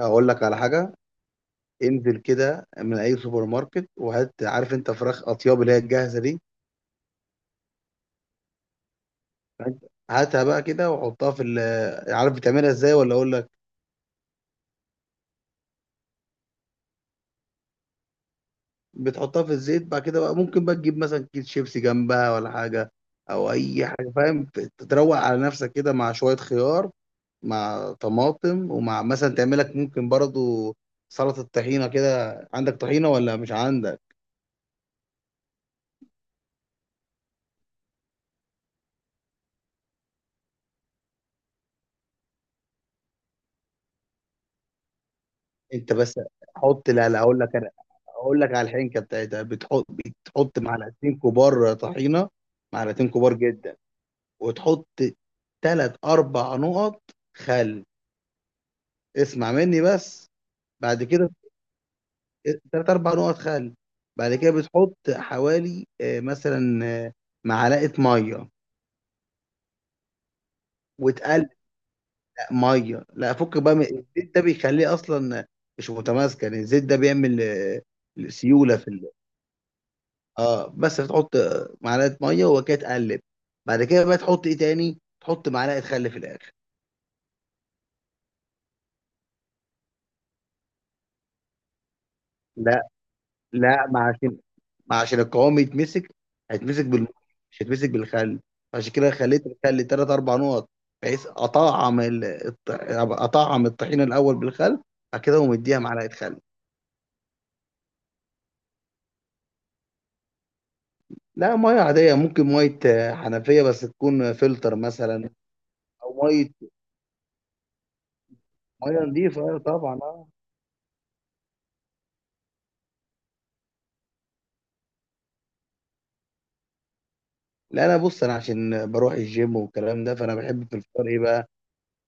اقول لك على حاجه. انزل كده من اي سوبر ماركت وهات، عارف انت فراخ اطياب اللي هي الجاهزه دي، هاتها بقى كده وحطها في عارف بتعملها ازاي ولا اقول لك؟ بتحطها في الزيت، بعد كده بقى ممكن بقى تجيب مثلا كيس شيبسي جنبها ولا حاجه، او اي حاجه فاهم. تروق على نفسك كده مع شويه خيار، مع طماطم، ومع مثلا تعملك ممكن برضو سلطه طحينه كده. عندك طحينه ولا مش عندك؟ انت بس حط، لا لا اقول لك انا. اقول لك على الحنكه بتاعتها، بتحط معلقتين كبار طحينه، معلقتين كبار جدا، وتحط ثلاث اربع نقط خل. اسمع مني بس. بعد كده ثلاث اربع نقط خل. بعد كده بتحط حوالي، مثلا آه، معلقه ميه وتقلق. ميه، لا فك بقى الزيت ده بيخليه اصلا مش متماسك، يعني الزيت ده بيعمل سيوله في. اه بس بتحط معلقه ميه وكده تقلب. بعد كده بقى تحط ايه تاني؟ تحط معلقه خل في الاخر. لا لا، ما عشان القوام يتمسك، هيتمسك مش هيتمسك بالخل، عشان كده خليت الخل تلات اربع نقط. بحيث اطعم اطعم الطحينه الاول بالخل، بعد كده ومديها معلقه خل. لا ميه عاديه، ممكن ميه حنفيه بس تكون فلتر مثلا، او ميه، ميه نظيفه طبعا. لا انا، بص، انا عشان بروح الجيم والكلام ده، فانا بحب في الفطار ايه بقى؟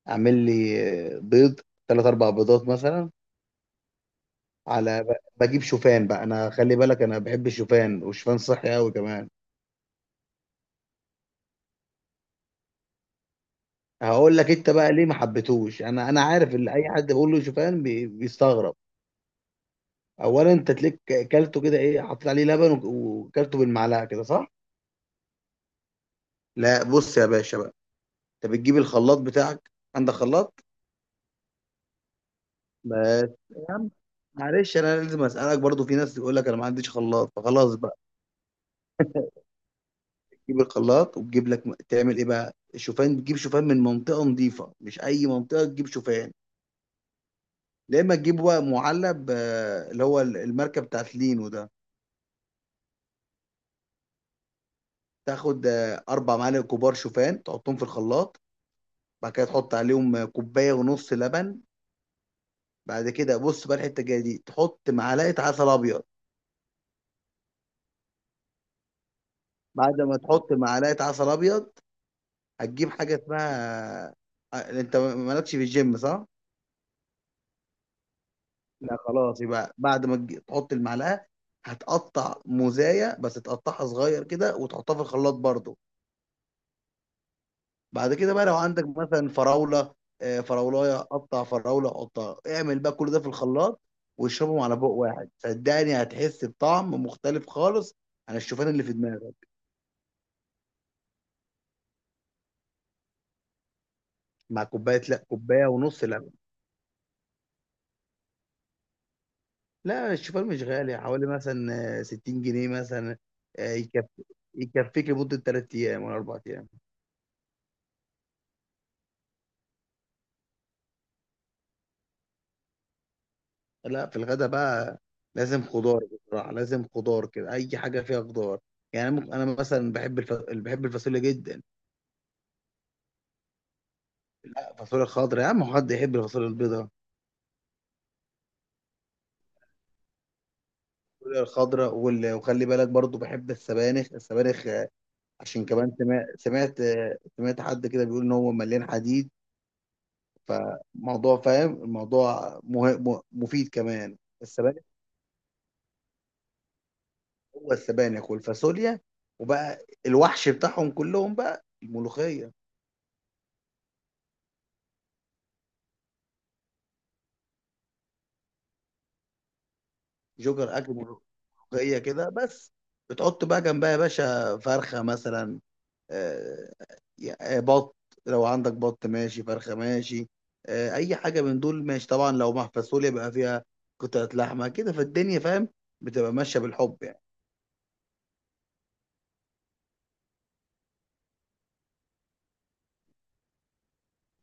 اعمل لي بيض، ثلاث اربع بيضات مثلا، على بجيب شوفان بقى. انا خلي بالك، انا بحب الشوفان، والشوفان صحي قوي كمان. هقول لك انت بقى ليه ما حبيتهوش، انا عارف ان اي حد بقول له شوفان بيستغرب. اولا انت تلاقيك كلته كده، ايه حطيت عليه لبن وكلته بالمعلقه كده صح؟ لا بص يا باشا بقى، انت بتجيب الخلاط بتاعك. عندك خلاط؟ بس يا عم، معلش انا لازم اسالك، برضو في ناس تقول لك انا ما عنديش خلاط فخلاص بقى. تجيب الخلاط وتجيب لك، تعمل ايه بقى الشوفان؟ تجيب شوفان من منطقه نظيفه، مش اي منطقه تجيب شوفان. يا اما تجيب بقى معلب اللي هو الماركه بتاعت لينو ده. تاخد 4 معالق كبار شوفان، تحطهم في الخلاط. بعد كده تحط عليهم كوبايه ونص لبن. بعد كده بص بقى الحته الجايه دي، تحط معلقه عسل ابيض. بعد ما تحط معلقه عسل ابيض، هتجيب حاجة اسمها انت مالكش في الجيم صح؟ لا خلاص، يبقى بعد ما تحط المعلقة، هتقطع موزاية، بس تقطعها صغير كده وتحطها في الخلاط برضو. بعد كده بقى لو عندك مثلا فراولة، فراولاية قطع، فراولة قطع، اعمل بقى كل ده في الخلاط، واشربهم على بوق واحد. صدقني هتحس بطعم مختلف خالص عن الشوفان اللي في دماغك. مع كوباية، لا، كوباية ونص لبن. لا الشوفان مش غالي، حوالي مثلا 60 جنيه مثلا، يكفي، يكفيك لمدة 3 أيام ولا 4 أيام. لا في الغدا بقى لازم خضار، بصراحة لازم خضار كده، أي حاجة فيها خضار. يعني ممكن أنا مثلا بحب بحب الفاصوليا جدا. الفاصوليا الخضراء يا عم، هو حد يحب الفاصوليا البيضاء؟ الفاصوليا الخضراء وخلي بالك برضو بحب السبانخ. السبانخ عشان كمان، سمعت حد كده بيقول إن هو مليان حديد، فموضوع فاهم الموضوع مفيد كمان السبانخ. هو السبانخ والفاصوليا، وبقى الوحش بتاعهم كلهم بقى الملوخيه. جوجر اكل، ملوخيه كده بس، بتحط بقى جنبها يا باشا فرخه مثلا، آه، بط، لو عندك بط ماشي، فرخه ماشي، اي حاجه من دول ماشي طبعا. لو مع فاصوليا بقى فيها قطعه لحمه كده، فالدنيا فاهم بتبقى ماشيه بالحب يعني.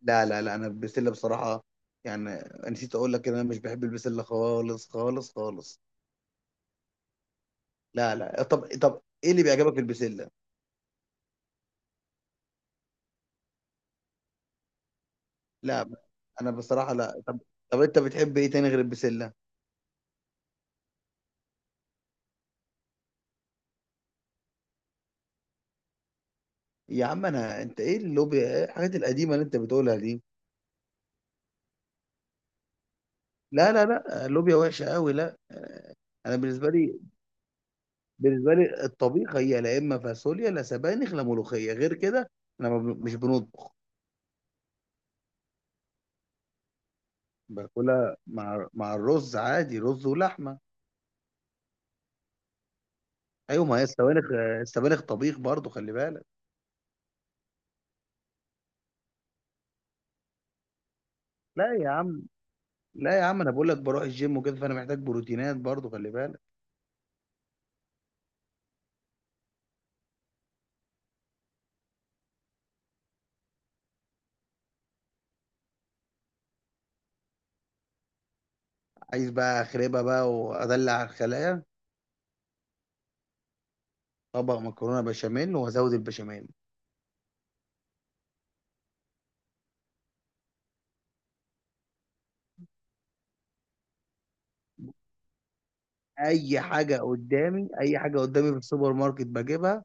لا لا لا، انا البسله بصراحه، يعني نسيت اقول لك ان انا مش بحب البسله خالص خالص خالص. لا لا، طب ايه اللي بيعجبك في البسله؟ لا انا بصراحه لا. طب، طب انت بتحب ايه تاني غير البسله؟ يا عم انا انت ايه اللوبيا، ايه الحاجات القديمه اللي انت بتقولها دي؟ لا لا لا، اللوبيا وحشه قوي لا. انا بالنسبه لي، الطبيخ هي لا اما فاصوليا، لا سبانخ، لا ملوخيه، غير كده انا ما ب- مش بنطبخ. باكلها مع الرز عادي، رز ولحمه. ايوه ما هي السبانخ، السبانخ طبيخ برضو خلي بالك. لا يا عم، لا يا عم، انا بقول لك بروح الجيم وكده، فانا محتاج بروتينات برضو خلي بالك. عايز بقى اخربها بقى وادلع الخلايا، طبق مكرونه بشاميل وازود البشاميل. اي حاجه قدامي، اي حاجه قدامي في السوبر ماركت بجيبها،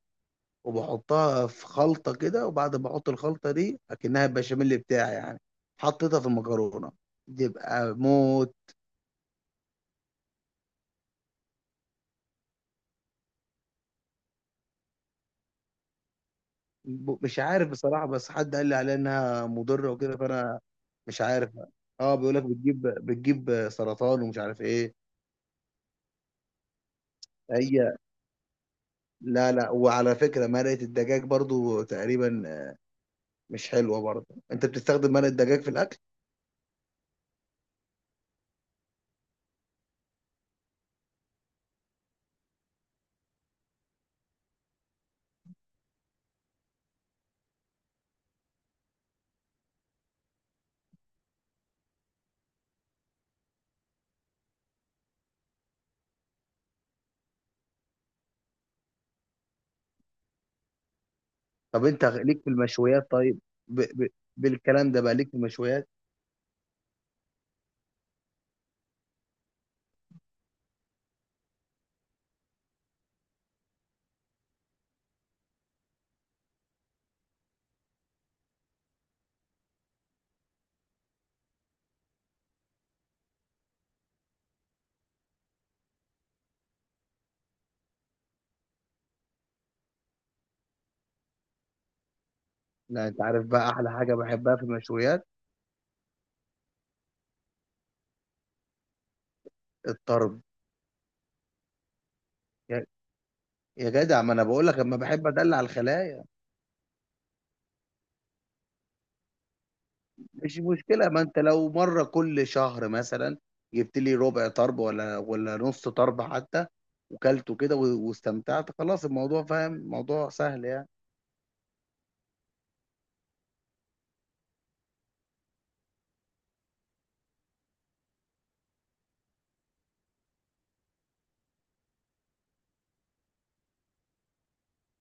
وبحطها في خلطه كده، وبعد ما احط الخلطه دي اكنها البشاميل بتاعي يعني، حطيتها في المكرونه تبقى موت. مش عارف بصراحه، بس حد قال لي عليها انها مضره وكده، فانا مش عارف. اه، بيقول لك بتجيب سرطان ومش عارف ايه. هي، لا لا، وعلى فكره مرقه الدجاج برضو تقريبا مش حلوة برضه. انت بتستخدم مرق الدجاج في الاكل؟ طب انت ليك في المشويات طيب، ب... ب... بالكلام ده بقى ليك في المشويات؟ لا انت عارف بقى احلى حاجة بحبها في المشويات؟ الطرب. يا, يا جدع، ما انا بقول لك اما بحب ادلع الخلايا، مش مشكلة. ما انت لو مرة كل شهر مثلا جبت لي ربع طرب ولا نص طرب حتى، وكلته كده واستمتعت، خلاص الموضوع فاهم، موضوع سهل يعني.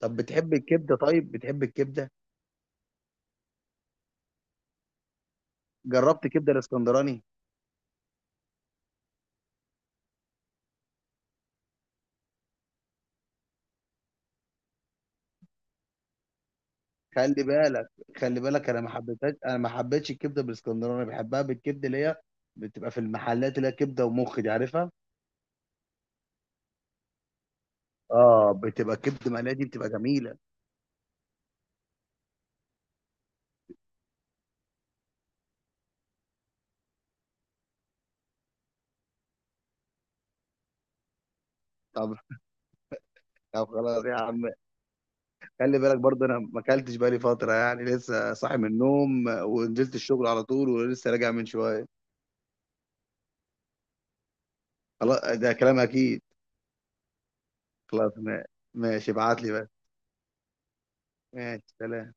طب بتحب الكبدة؟ طيب بتحب الكبدة؟ جربت كبدة الاسكندراني؟ خلي بالك، خلي بالك انا ما حبيتش الكبده بالاسكندراني، بحبها بالكبده اللي هي بتبقى في المحلات، اللي هي كبده ومخ دي عارفها؟ اه بتبقى كبده مقليه، دي بتبقى جميله. طب طب خلاص يا عم، خلي بالك برضه انا ما اكلتش بقالي فتره، يعني لسه صاحي من النوم ونزلت الشغل على طول ولسه راجع من شويه. خلاص ده كلام اكيد. خلاص ماشي، ابعت لي بقى. ماشي سلام.